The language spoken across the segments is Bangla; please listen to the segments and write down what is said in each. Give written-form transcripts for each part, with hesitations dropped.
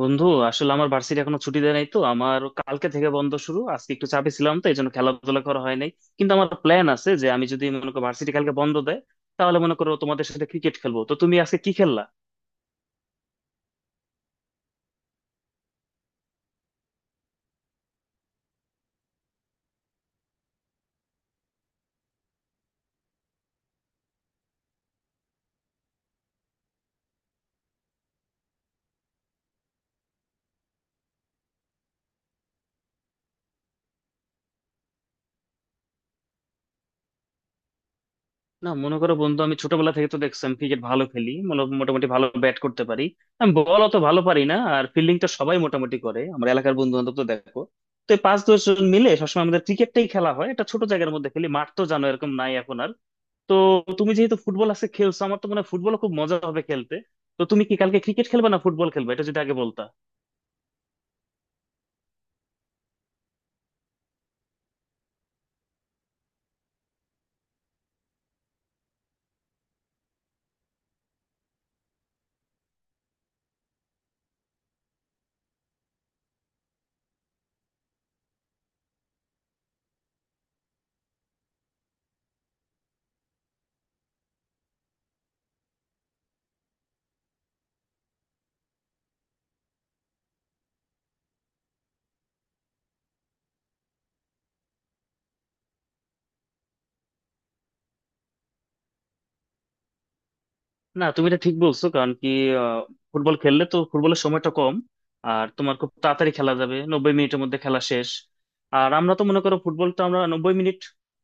বন্ধু, আসলে আমার ভার্সিটি এখনো ছুটি দেয় নাই, তো আমার কালকে থেকে বন্ধ শুরু। আজকে একটু চাপে ছিলাম, তো এই জন্য খেলাধুলা করা হয় নাই। কিন্তু আমার প্ল্যান আছে যে আমি, যদি মনে করো ভার্সিটি কালকে বন্ধ দেয়, তাহলে মনে করো তোমাদের সাথে ক্রিকেট খেলবো। তো তুমি আজকে কি খেললা? না, মনে করো বন্ধু, আমি ছোটবেলা থেকে তো দেখছি আমি ক্রিকেট ভালো খেলি, মোটামুটি ভালো ব্যাট করতে পারি। আমি বল অত ভালো পারি না, আর ফিল্ডিংটা সবাই মোটামুটি করে। আমার এলাকার বন্ধু বান্ধব তো দেখো, তো এই 5-10 জন মিলে সবসময় আমাদের ক্রিকেটটাই খেলা হয়। এটা ছোট জায়গার মধ্যে খেলি, মাঠ তো জানো এরকম নাই এখন আর। তো তুমি যেহেতু ফুটবল আজকে খেলছো, আমার তো মনে হয় ফুটবল খুব মজা হবে খেলতে। তো তুমি কি কালকে ক্রিকেট খেলবে না ফুটবল খেলবে, এটা যদি আগে বলতা। না, তুমি এটা ঠিক বলছো। কারণ কি, আহ, ফুটবল খেললে তো ফুটবলের সময়টা কম, আর তোমার খুব তাড়াতাড়ি খেলা যাবে। 90 মিনিটের মধ্যে খেলা শেষ। আর আমরা তো মনে করো ফুটবলটা, আমরা 90 মিনিট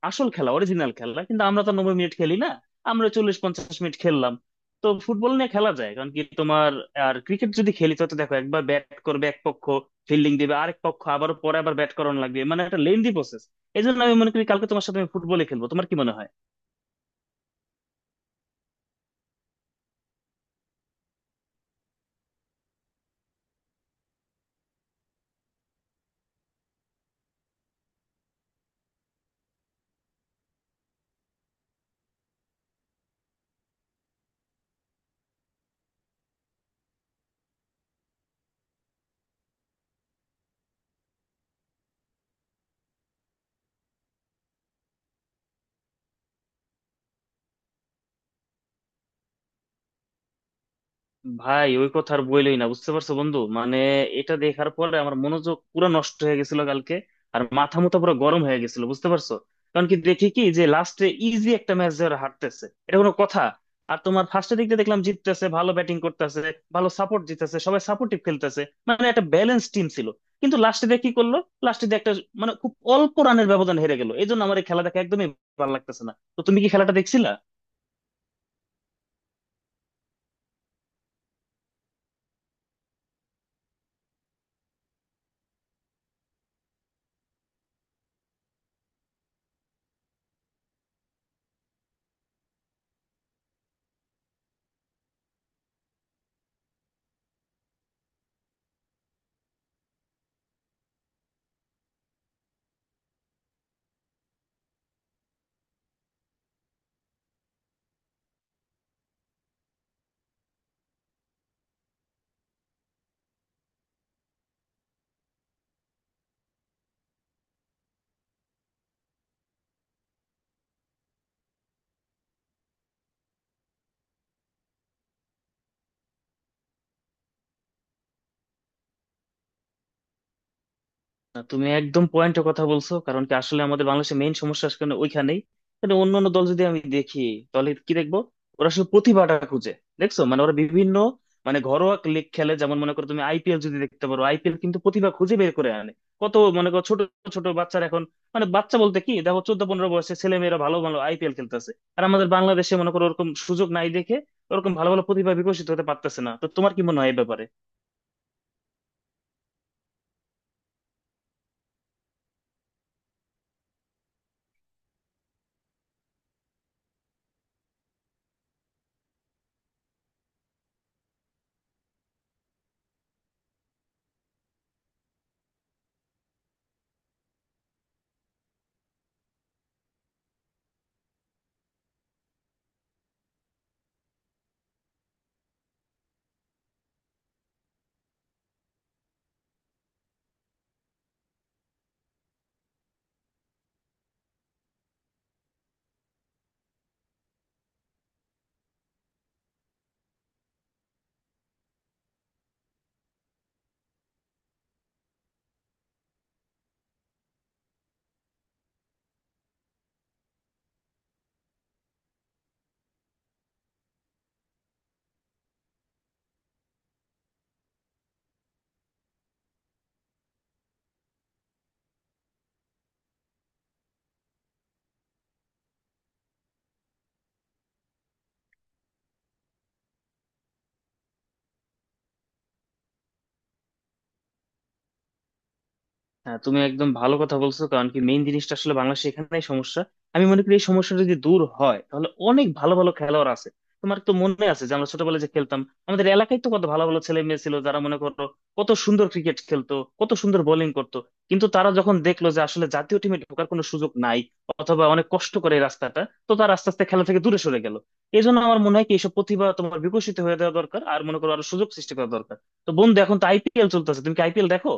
আসল খেলা, অরিজিনাল খেলা, কিন্তু আমরা তো 90 মিনিট খেলি না। আমরা 40-50 মিনিট খেললাম। তো ফুটবল নিয়ে খেলা যায়, কারণ কি তোমার। আর ক্রিকেট যদি খেলি, তো তো দেখো একবার ব্যাট করবে এক পক্ষ, ফিল্ডিং দিবে আরেক পক্ষ, আবার পরে আবার ব্যাট করানো লাগবে। মানে একটা লেন্দি প্রসেস। এই জন্য আমি মনে করি কালকে তোমার সাথে আমি ফুটবলে খেলবো। তোমার কি মনে হয়? ভাই, ওই কথা আর বইলই না। বুঝতে পারছো বন্ধু, মানে এটা দেখার পরে আমার মনোযোগ পুরো নষ্ট হয়ে গেছিল কালকে। আর মাথা মুথা পুরো গরম হয়ে গেছিল, বুঝতে পারছো। কারণ কি দেখি, কি যে লাস্টে ইজি একটা ম্যাচ ধরে হারতেছে, এটা কোনো কথা? আর তোমার ফার্স্টের দিকটা দেখলাম জিততেছে, ভালো ব্যাটিং করতেছে, ভালো সাপোর্ট জিতেছে, সবাই সাপোর্টিভ খেলতেছে। মানে একটা ব্যালেন্স টিম ছিল। কিন্তু লাস্টে দিয়ে কি করলো, লাস্টে দিয়ে একটা, মানে খুব অল্প রানের ব্যবধান হেরে গেল। এই জন্য আমার এই খেলা দেখা একদমই ভালো লাগতেছে না। তো তুমি কি খেলাটা দেখছিলা? না, তুমি একদম পয়েন্টের কথা বলছো। কারণ কি, আসলে আমাদের বাংলাদেশের মেইন সমস্যা আসলে ওইখানেই। মানে অন্য অন্য দল যদি আমি দেখি, তাহলে কি দেখবো? ওরা শুধু প্রতিভাটা খুঁজে দেখছো। মানে ওরা বিভিন্ন, মানে ঘরোয়া লিগ খেলে। যেমন মনে করো তুমি আইপিএল যদি দেখতে পারো, আইপিএল কিন্তু প্রতিভা খুঁজে বের করে আনে। কত মনে করো ছোট ছোট বাচ্চারা এখন, মানে বাচ্চা বলতে কি দেখো, 14-15 বয়সে ছেলে মেয়েরা ভালো ভালো আইপিএল খেলতেছে। আর আমাদের বাংলাদেশে মনে করো ওরকম সুযোগ নাই দেখে ওরকম ভালো ভালো প্রতিভা বিকশিত হতে পারতেছে না। তো তোমার কি মনে হয় এই ব্যাপারে? হ্যাঁ, তুমি একদম ভালো কথা বলছো। কারণ কি, মেইন জিনিসটা আসলে বাংলাদেশে এখানেই সমস্যা। আমি মনে করি এই সমস্যাটা যদি দূর হয়, তাহলে অনেক ভালো ভালো খেলোয়াড় আছে। তোমার তো মনে আছে যে আমরা ছোটবেলায় যে খেলতাম, আমাদের এলাকায় তো কত ভালো ভালো ছেলে মেয়ে ছিল, যারা মনে করো কত সুন্দর ক্রিকেট খেলতো, কত সুন্দর বোলিং করতো। কিন্তু তারা যখন দেখলো যে আসলে জাতীয় টিমে ঢোকার কোনো সুযোগ নাই, অথবা অনেক কষ্ট করে এই রাস্তাটা, তো তারা আস্তে আস্তে খেলা থেকে দূরে সরে গেল। এই জন্য আমার মনে হয় কি, এইসব প্রতিভা তোমার বিকশিত হয়ে দেওয়া দরকার, আর মনে করো আরো সুযোগ সৃষ্টি করা দরকার। তো বন্ধু, এখন তো আইপিএল চলতেছে, তুমি কি আইপিএল দেখো?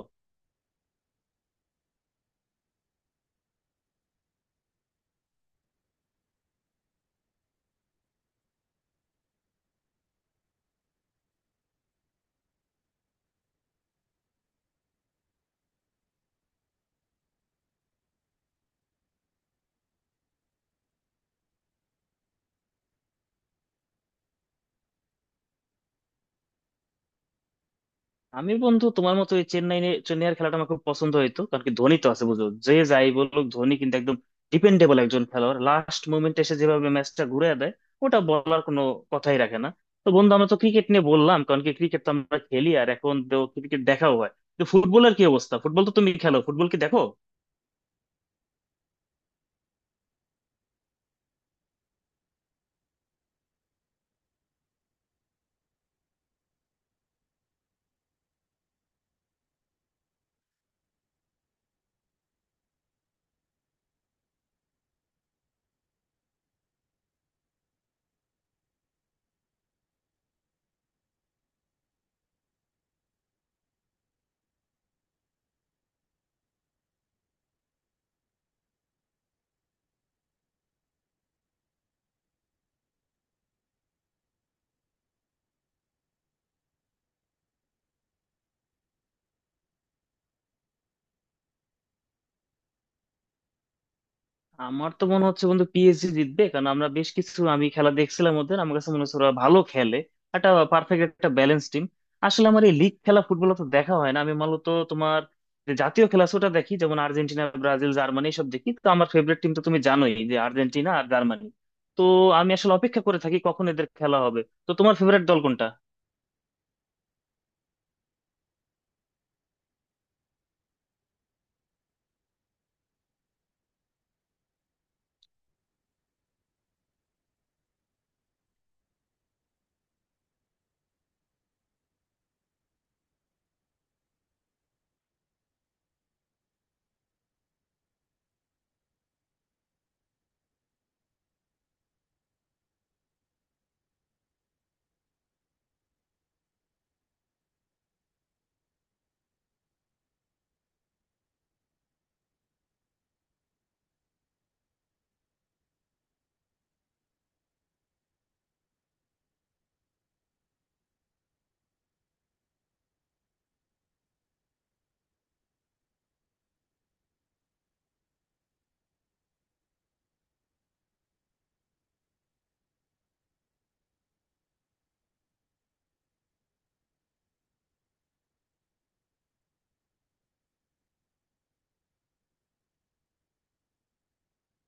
আমি বন্ধু তোমার মতো এই চেন্নাইয়ের খেলাটা আমার খুব পছন্দ হইতো। কারণ কি, ধোনি তো আছে। বুঝো যে, যাই বলুক, ধোনি কিন্তু একদম ডিপেন্ডেবল একজন খেলোয়াড়। লাস্ট মোমেন্টে এসে যেভাবে ম্যাচটা ঘুরে দেয়, ওটা বলার কোনো কথাই রাখে না। তো বন্ধু, আমরা তো ক্রিকেট নিয়ে বললাম, কারণ কি ক্রিকেট তো আমরা খেলি, আর এখন ক্রিকেট দেখাও হয়। তো ফুটবলের কি অবস্থা? ফুটবল তো তুমি খেলো, ফুটবল কি দেখো? আমার তো মনে হচ্ছে বন্ধু পিএসজি জিতবে। কারণ আমরা বেশ কিছু, আমি খেলা দেখছিলাম ওদের, আমার কাছে মনে হচ্ছে ওরা ভালো খেলে। একটা পারফেক্ট একটা ব্যালেন্স টিম। আসলে আমার এই লিগ খেলা ফুটবল তো দেখা হয় না। আমি মূলত তোমার যে জাতীয় খেলা আছে ওটা দেখি, যেমন আর্জেন্টিনা, ব্রাজিল, জার্মানি সব দেখি। তো আমার ফেভারিট টিম তো তুমি জানোই যে আর্জেন্টিনা আর জার্মানি। তো আমি আসলে অপেক্ষা করে থাকি কখন এদের খেলা হবে। তো তোমার ফেভারিট দল কোনটা?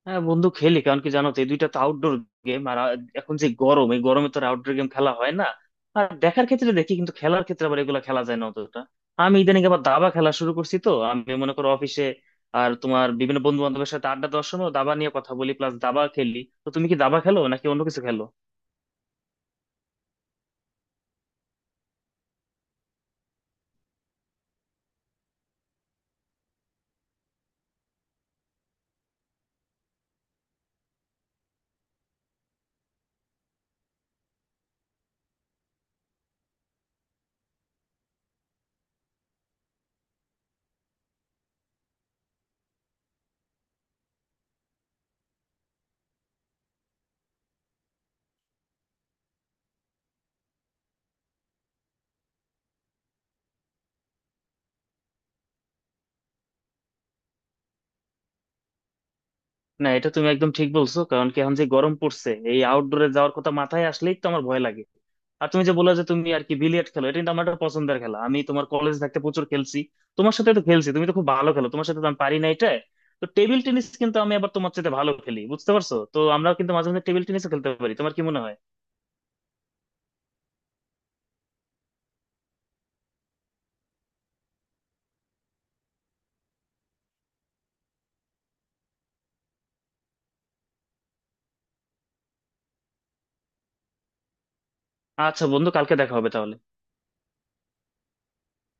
হ্যাঁ বন্ধু, খেলি। কারণ কি, জানো তো এই দুইটা তো আউটডোর গেম, আর এখন যে গরম, এই গরমে তো আর আউটডোর গেম খেলা হয় না। আর দেখার ক্ষেত্রে দেখি, কিন্তু খেলার ক্ষেত্রে আবার এগুলো খেলা যায় না অতটা। আমি ইদানিং আবার দাবা খেলা শুরু করছি। তো আমি মনে করো অফিসে আর তোমার বিভিন্ন বন্ধু বান্ধবের সাথে আড্ডা দেওয়ার সময় দাবা নিয়ে কথা বলি, প্লাস দাবা খেলি। তো তুমি কি দাবা খেলো নাকি অন্য কিছু খেলো? না, এটা তুমি একদম ঠিক বলছো। কারণ কি, এখন যে গরম পড়ছে, এই আউটডোরে যাওয়ার কথা মাথায় আসলেই তো আমার ভয় লাগে। আর তুমি যে বললে যে তুমি আর কি বিলিয়ার্ড খেলো, এটা কিন্তু আমার একটা পছন্দের খেলা। আমি তোমার কলেজ থাকতে প্রচুর খেলছি, তোমার সাথে তো খেলছি। তুমি তো খুব ভালো খেলো, তোমার সাথে তো আমি পারি না এটা। তো টেবিল টেনিস কিন্তু আমি আবার তোমার সাথে ভালো খেলি, বুঝতে পারছো। তো আমরা কিন্তু মাঝে মাঝে টেবিল টেনিসও খেলতে পারি। তোমার কি মনে হয়? আচ্ছা বন্ধু, কালকে দেখা হবে তাহলে।